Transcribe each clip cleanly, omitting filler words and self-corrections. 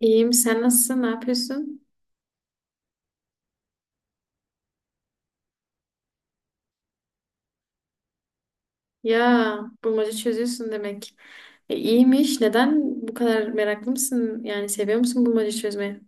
İyiyim. Sen nasılsın? Ne yapıyorsun? Ya bulmaca çözüyorsun demek. İyiymiş. Neden bu kadar meraklı mısın? Yani seviyor musun bulmaca çözmeyi?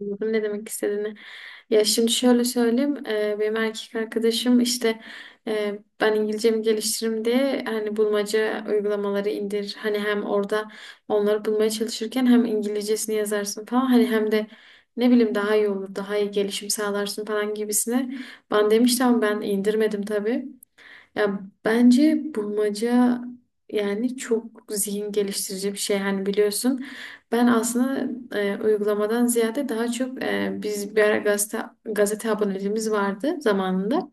Anladım ne demek istediğini. Ya şimdi şöyle söyleyeyim. Benim erkek arkadaşım işte ben İngilizcemi geliştiririm diye hani bulmaca uygulamaları indir. Hani hem orada onları bulmaya çalışırken hem İngilizcesini yazarsın falan. Hani hem de ne bileyim daha iyi olur. Daha iyi gelişim sağlarsın falan gibisine. Ben demiştim ama ben indirmedim tabii. Ya bence bulmaca yani çok zihin geliştirici bir şey. Hani biliyorsun ben aslında uygulamadan ziyade daha çok biz bir ara gazete aboneliğimiz vardı zamanında.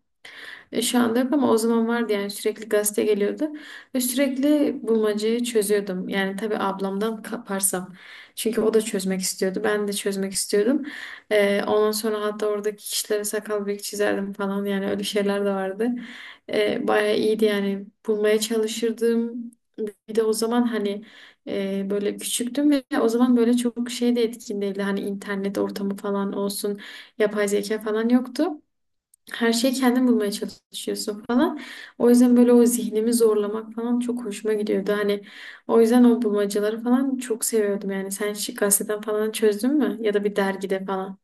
Şu anda yok ama o zaman vardı yani sürekli gazete geliyordu. Ve sürekli bulmacayı çözüyordum. Yani tabii ablamdan kaparsam. Çünkü o da çözmek istiyordu. Ben de çözmek istiyordum. Ondan sonra hatta oradaki kişilere sakal bıyık çizerdim falan. Yani öyle şeyler de vardı. Bayağı iyiydi yani. Bulmaya çalışırdım. Bir de o zaman hani böyle küçüktüm ve o zaman böyle çok şey de etkin değildi. Hani internet ortamı falan olsun, yapay zeka falan yoktu. Her şeyi kendin bulmaya çalışıyorsun falan. O yüzden böyle o zihnimi zorlamak falan çok hoşuma gidiyordu. Hani o yüzden o bulmacaları falan çok seviyordum. Yani sen şık gazeteden falan çözdün mü? Ya da bir dergide falan.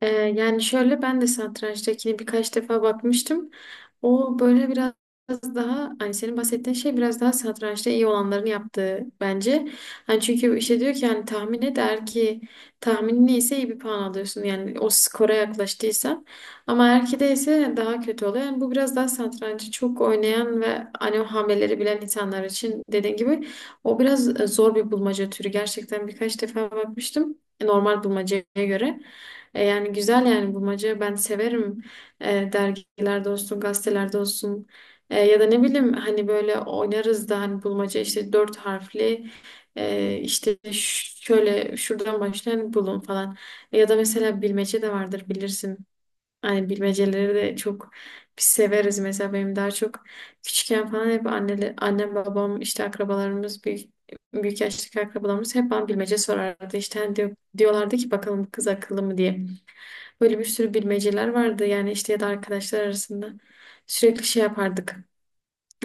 Ee, Yani şöyle ben de satrançtakini birkaç defa bakmıştım. O böyle biraz daha hani senin bahsettiğin şey biraz daha satrançta iyi olanların yaptığı bence. Hani çünkü işte diyor ki hani tahmin et eğer ki tahminin iyiyse iyi bir puan alıyorsun. Yani o skora yaklaştıysan. Ama eğer ki değilse daha kötü oluyor. Yani bu biraz daha satrancı çok oynayan ve hani o hamleleri bilen insanlar için dediğin gibi o biraz zor bir bulmaca türü. Gerçekten birkaç defa bakmıştım normal bulmacaya göre. Yani güzel yani bulmaca ben severim. Dergilerde olsun gazetelerde olsun. Ya da ne bileyim hani böyle oynarız da hani bulmaca işte dört harfli işte şöyle şuradan başlayan bulun falan. Ya da mesela bilmece de vardır bilirsin hani bilmeceleri de çok biz severiz mesela benim daha çok küçükken falan hep anneler, annem babam işte akrabalarımız büyük büyük yaştaki akrabalarımız hep bana bilmece sorardı işte hani diyorlardı ki bakalım bu kız akıllı mı diye. Böyle bir sürü bilmeceler vardı yani işte ya da arkadaşlar arasında. Sürekli şey yapardık.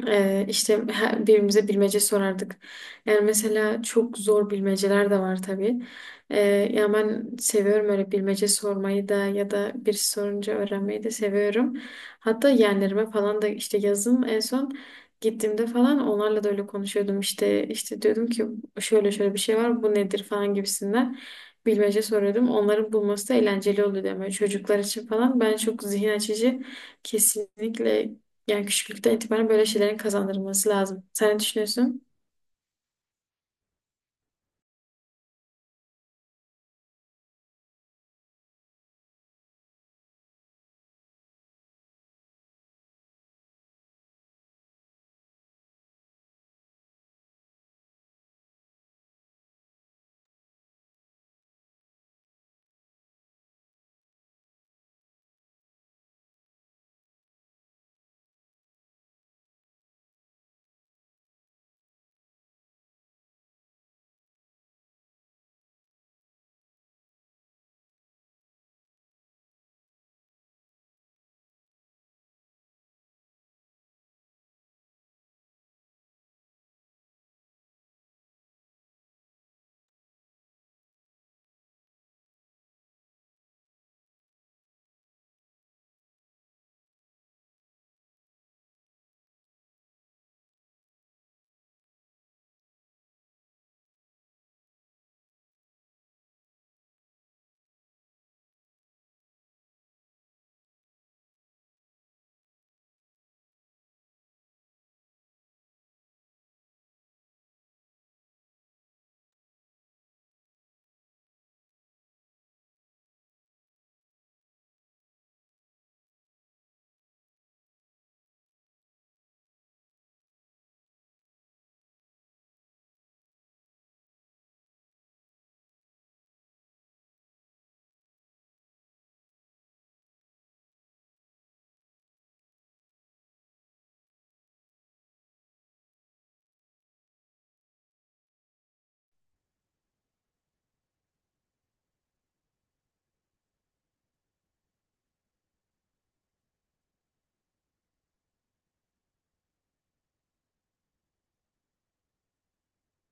İşte birbirimize bilmece sorardık. Yani mesela çok zor bilmeceler de var tabii. Ee, Ya ben seviyorum öyle bilmece sormayı da ya da bir sorunca öğrenmeyi de seviyorum. Hatta yeğenlerime falan da işte yazın en son gittiğimde falan onlarla da öyle konuşuyordum. İşte diyordum ki şöyle şöyle bir şey var bu nedir falan gibisinden bilmece soruyordum. Onların bulması da eğlenceli oluyor ama çocuklar için falan ben çok zihin açıcı, kesinlikle, yani küçüklükten itibaren böyle şeylerin kazandırılması lazım. Sen ne düşünüyorsun?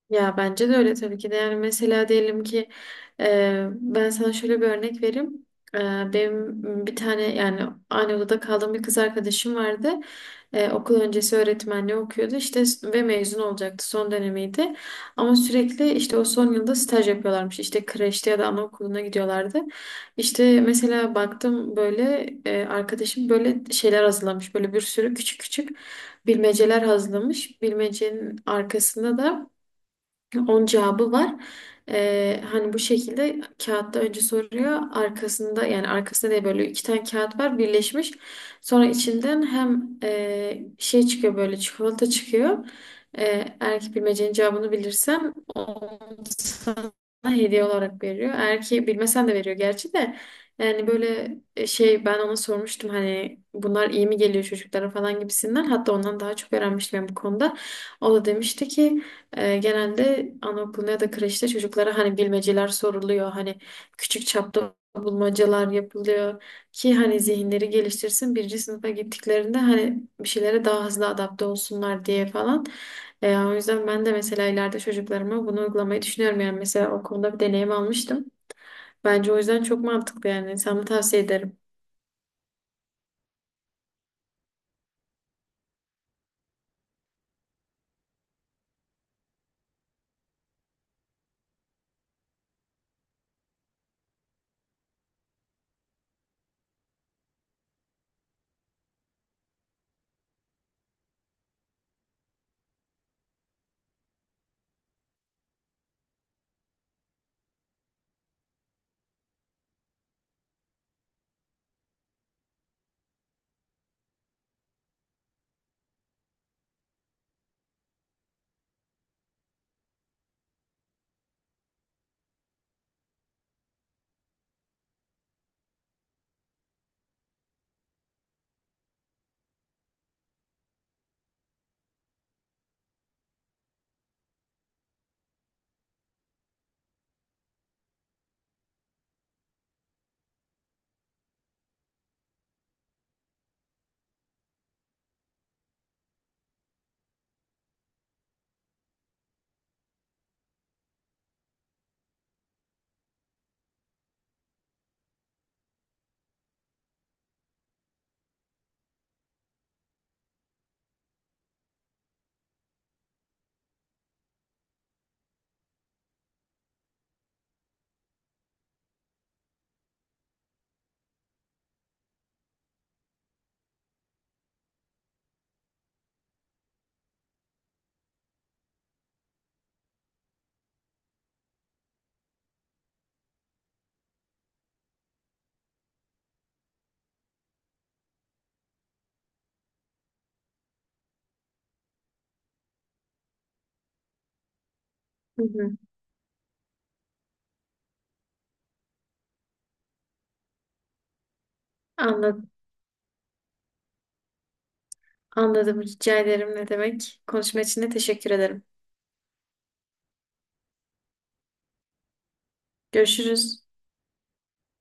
Ya bence de öyle tabii ki de. Yani mesela diyelim ki ben sana şöyle bir örnek vereyim. E, Benim bir tane yani aynı odada kaldığım bir kız arkadaşım vardı. Okul öncesi öğretmenliği okuyordu işte ve mezun olacaktı, son dönemiydi. Ama sürekli işte o son yılda staj yapıyorlarmış. İşte kreşte ya da anaokuluna gidiyorlardı. İşte mesela baktım böyle arkadaşım böyle şeyler hazırlamış. Böyle bir sürü küçük küçük bilmeceler hazırlamış. Bilmecenin arkasında da On cevabı var. Hani bu şekilde kağıtta önce soruyor. Arkasında yani arkasında diye böyle iki tane kağıt var birleşmiş. Sonra içinden hem çıkıyor, böyle çikolata çıkıyor. Eğer ki bilmecenin cevabını bilirsem onu sana hediye olarak veriyor. Eğer ki bilmesen de veriyor gerçi de. Yani böyle ben ona sormuştum hani bunlar iyi mi geliyor çocuklara falan gibisinden. Hatta ondan daha çok öğrenmiştim ben bu konuda. O da demişti ki genelde anaokuluna ya da kreşte çocuklara hani bilmeceler soruluyor. Hani küçük çapta bulmacalar yapılıyor ki hani zihinleri geliştirsin. Birinci sınıfa gittiklerinde hani bir şeylere daha hızlı adapte olsunlar diye falan. O yüzden ben de mesela ileride çocuklarıma bunu uygulamayı düşünüyorum. Yani mesela okulda bir deneyim almıştım. Bence o yüzden çok mantıklı yani. Sana tavsiye ederim. Hı hı. Anladım. Anladım. Rica ederim. Ne demek? Konuşma için de teşekkür ederim. Görüşürüz.